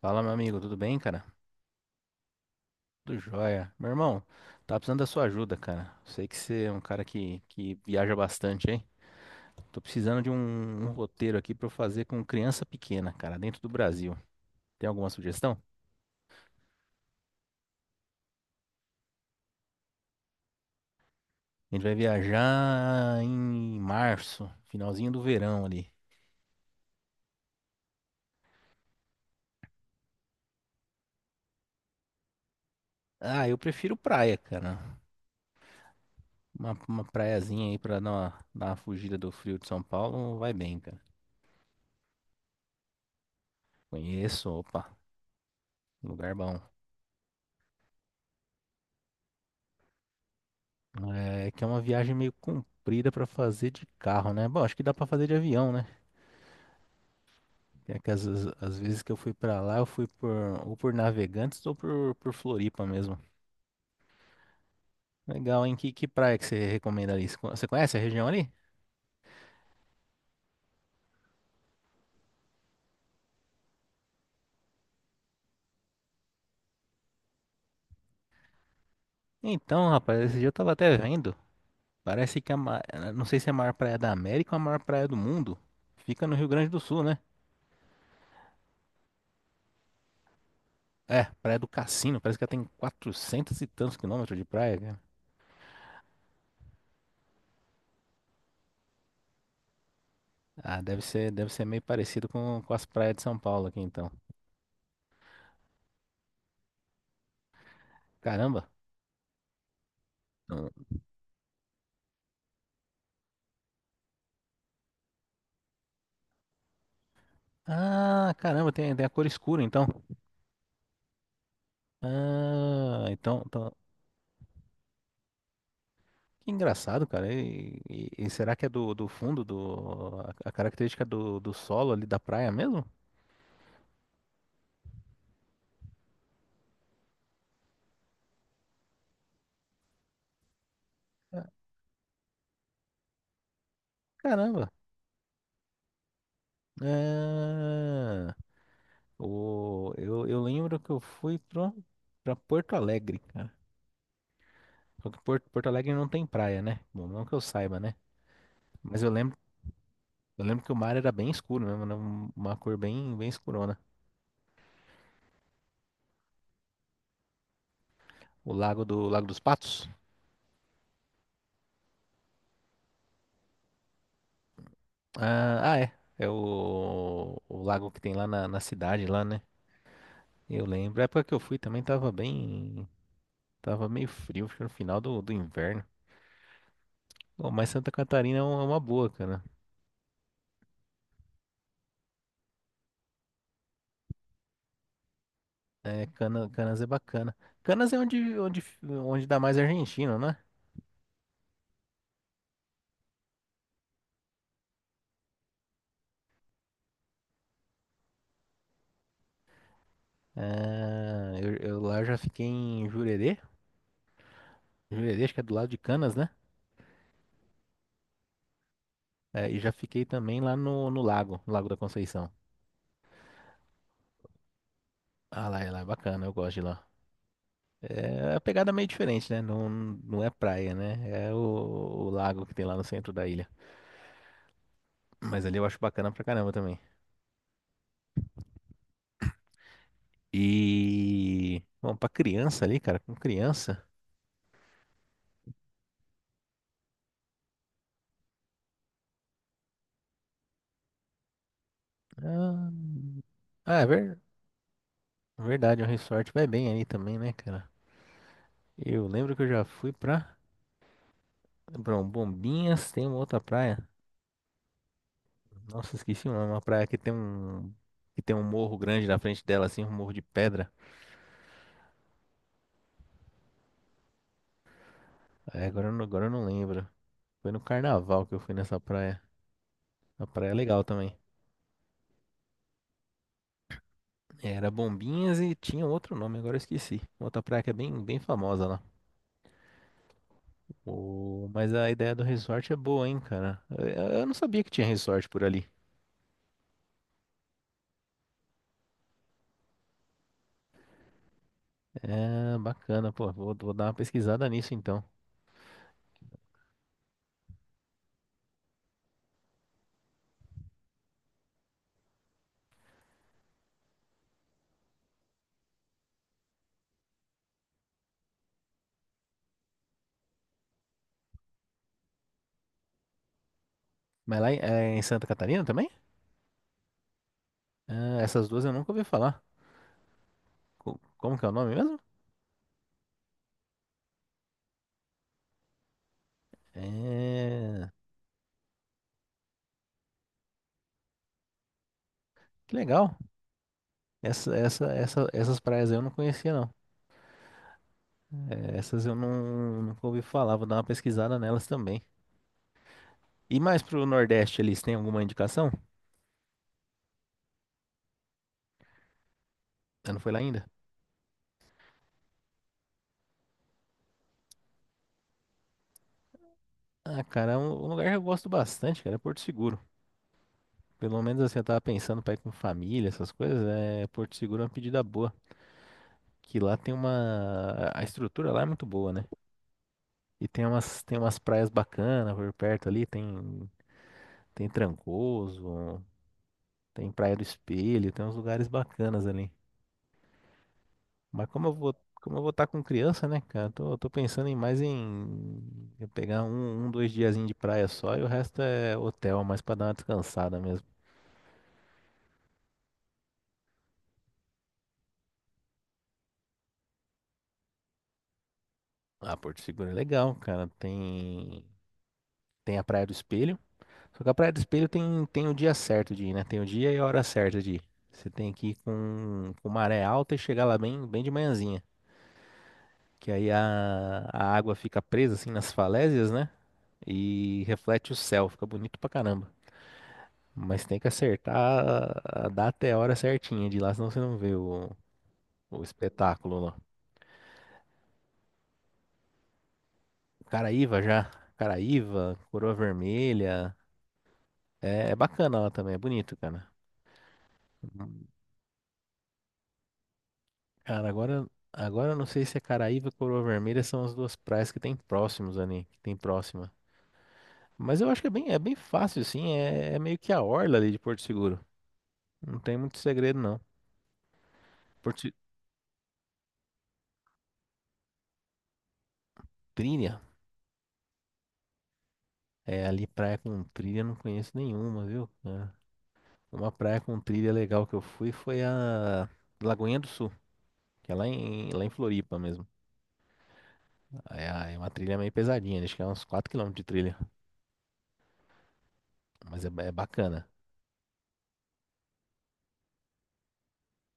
Fala, meu amigo, tudo bem, cara? Tudo jóia. Meu irmão, tá precisando da sua ajuda, cara. Sei que você é um cara que viaja bastante, hein? Tô precisando de um roteiro aqui pra eu fazer com criança pequena, cara, dentro do Brasil. Tem alguma sugestão? A gente vai viajar em março, finalzinho do verão ali. Ah, eu prefiro praia, cara. Uma praiazinha aí pra dar uma fugida do frio de São Paulo vai bem, cara. Conheço, opa, lugar bom. É, que é uma viagem meio comprida pra fazer de carro, né? Bom, acho que dá pra fazer de avião, né? É que às vezes que eu fui pra lá, eu fui por ou por Navegantes ou por Floripa mesmo. Legal, hein? Que praia que você recomenda ali? Você conhece a região ali? Então, rapaz, esse dia eu tava até vendo. Parece que é a não sei se é a maior praia da América ou a maior praia do mundo. Fica no Rio Grande do Sul, né? É, Praia do Cassino. Parece que ela tem 400 e tantos quilômetros de praia, cara. Ah, deve ser meio parecido com as praias de São Paulo aqui, então. Caramba. Não. Ah, caramba, tem a cor escura, então. Ah. Que engraçado, cara. E será que é do fundo, a característica do solo ali da praia mesmo? Caramba. Ah, eu lembro que eu fui pra Porto Alegre, cara. Só que Porto Alegre não tem praia, né? Bom, não que eu saiba, né? Mas eu lembro que o mar era bem escuro mesmo, né? Uma cor bem escurona. O lago do, Lago dos Patos? Ah, ah, é. É o lago que tem na cidade, lá, né? Eu lembro. A época que eu fui também tava bem. Tava meio frio, acho que no final do inverno. Bom, mas Santa Catarina é uma boa, cara. Canas é bacana. Canas é onde dá mais argentino, né? Ah, eu lá já fiquei em Jurerê. Jurerê, acho que é do lado de Canas, né? É, e já fiquei também lá no lago, no Lago da Conceição. Ah, lá, lá é bacana, eu gosto de lá. É a pegada é meio diferente, né? Não é praia, né? É o lago que tem lá no centro da ilha. Mas ali eu acho bacana pra caramba também. E, bom, pra criança ali, cara, com criança. Ah, ah, é ver- Verdade, o resort vai bem aí também, né, cara? Eu lembro que eu já fui pra. Bom, Bombinhas tem uma outra praia. Nossa, esqueci uma praia que tem um. Que tem um morro grande na frente dela, assim, um morro de pedra. É, agora eu não lembro. Foi no carnaval que eu fui nessa praia. A praia é legal também. Era Bombinhas e tinha outro nome, agora eu esqueci. Outra praia que é bem famosa lá. O... Mas a ideia do resort é boa, hein, cara? Eu não sabia que tinha resort por ali. É, bacana, pô. Vou dar uma pesquisada nisso então. Mas lá em, é em Santa Catarina também? Ah, essas duas eu nunca ouvi falar. Como que é o nome mesmo? É. Que legal. Essas praias eu não conhecia, não. É, essas eu não, nunca ouvi falar. Vou dar uma pesquisada nelas também. E mais pro Nordeste ali, você tem alguma indicação? Você não foi lá ainda? Ah, cara, é um lugar que eu gosto bastante, cara, é Porto Seguro. Pelo menos assim, eu tava pensando pra ir com família, essas coisas, é Porto Seguro é uma pedida boa. Que lá tem uma. A estrutura lá é muito boa, né? E tem umas praias bacanas por perto ali, tem, tem Trancoso, tem Praia do Espelho, tem uns lugares bacanas ali. Mas como eu vou estar com criança, né, cara? Tô pensando em mais em eu pegar dois diazinhos de praia só e o resto é hotel, mais pra dar uma descansada mesmo. Ah, Porto Seguro é legal, cara. Tem a Praia do Espelho. Só que a Praia do Espelho tem o dia certo de ir, né? Tem o dia e a hora certa de ir. Você tem que ir com maré alta e chegar lá bem de manhãzinha. Que aí a água fica presa assim nas falésias, né? E reflete o céu, fica bonito pra caramba. Mas tem que acertar a data e a hora certinha de ir lá, senão você não vê o espetáculo lá. Caraíva já. Caraíva, Coroa Vermelha. É, é bacana lá também, é bonito, cara. Cara, agora, agora eu não sei se é Caraíva ou Coroa Vermelha são as duas praias que tem próximos ali, que tem próxima. Mas eu acho que é bem fácil, assim, é meio que a orla ali de Porto Seguro. Não tem muito segredo, não. Porto, Se- Trilha, é, ali praia com trilha eu não conheço nenhuma, viu? É. Uma praia com trilha legal que eu fui foi a Lagoinha do Sul, que é lá em Floripa mesmo. É, é uma trilha meio pesadinha, acho que é uns 4 quilômetros de trilha, mas é bacana.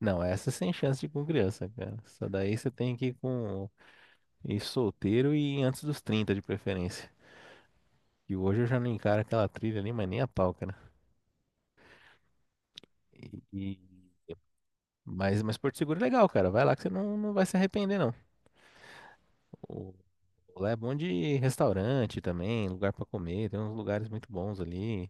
Não, essa é sem chance de ir com criança, cara. Só daí você tem que ir com ir solteiro e antes dos 30 de preferência. E hoje eu já não encaro aquela trilha ali, mas nem a pau, cara. E, e- mas Porto Seguro é legal, cara. Vai lá que você não vai se arrepender, não. O... Lá é bom de restaurante também, lugar pra comer, tem uns lugares muito bons ali.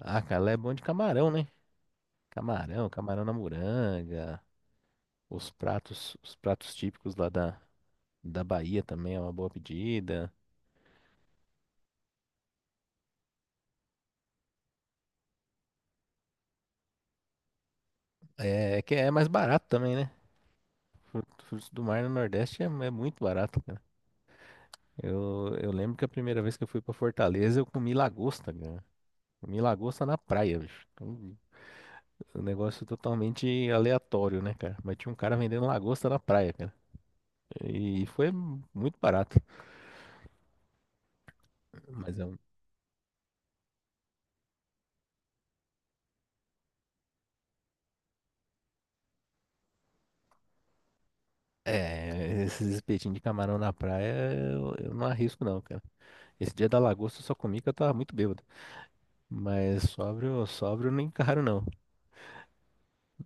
Ah, cara, lá é bom de camarão, né? Camarão, camarão na moranga, os pratos típicos lá da, da Bahia também é uma boa pedida. É, é que é mais barato também, né? Frutos do mar no Nordeste é muito barato, cara. Eu lembro que a primeira vez que eu fui pra Fortaleza, eu comi lagosta, cara. Comi lagosta na praia, bicho. Um negócio totalmente aleatório, né, cara? Mas tinha um cara vendendo lagosta na praia, cara. E foi muito barato. Mas é um. É, esses espetinhos de camarão na praia eu não arrisco não, cara. Esse dia da lagosta eu só comi que eu tava muito bêbado. Mas sóbrio, sóbrio nem caro não.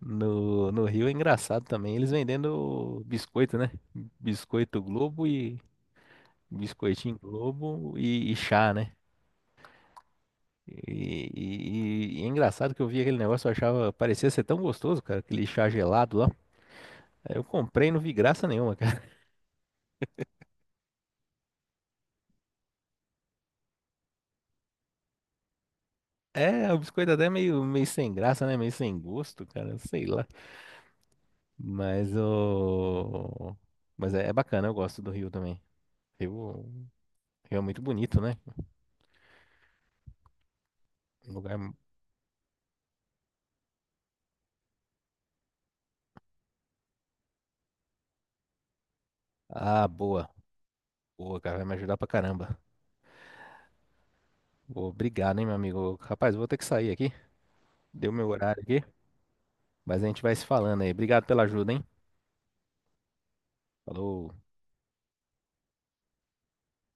No Rio é engraçado também, eles vendendo biscoito, né? Biscoito Globo e biscoitinho Globo e chá, né? E é engraçado que eu vi aquele negócio, eu achava, parecia ser tão gostoso, cara, aquele chá gelado lá. Aí eu comprei e não vi graça nenhuma, cara. É, o biscoito até é meio sem graça, né? Meio sem gosto, cara, sei lá. Mas o. Mas é bacana, eu gosto do Rio também. Rio, Rio é muito bonito, né? Um lugar. Ah, boa. Boa, cara, vai me ajudar pra caramba. Obrigado, hein, meu amigo. Rapaz, eu vou ter que sair aqui. Deu meu horário aqui, mas a gente vai se falando aí. Obrigado pela ajuda, hein? Falou.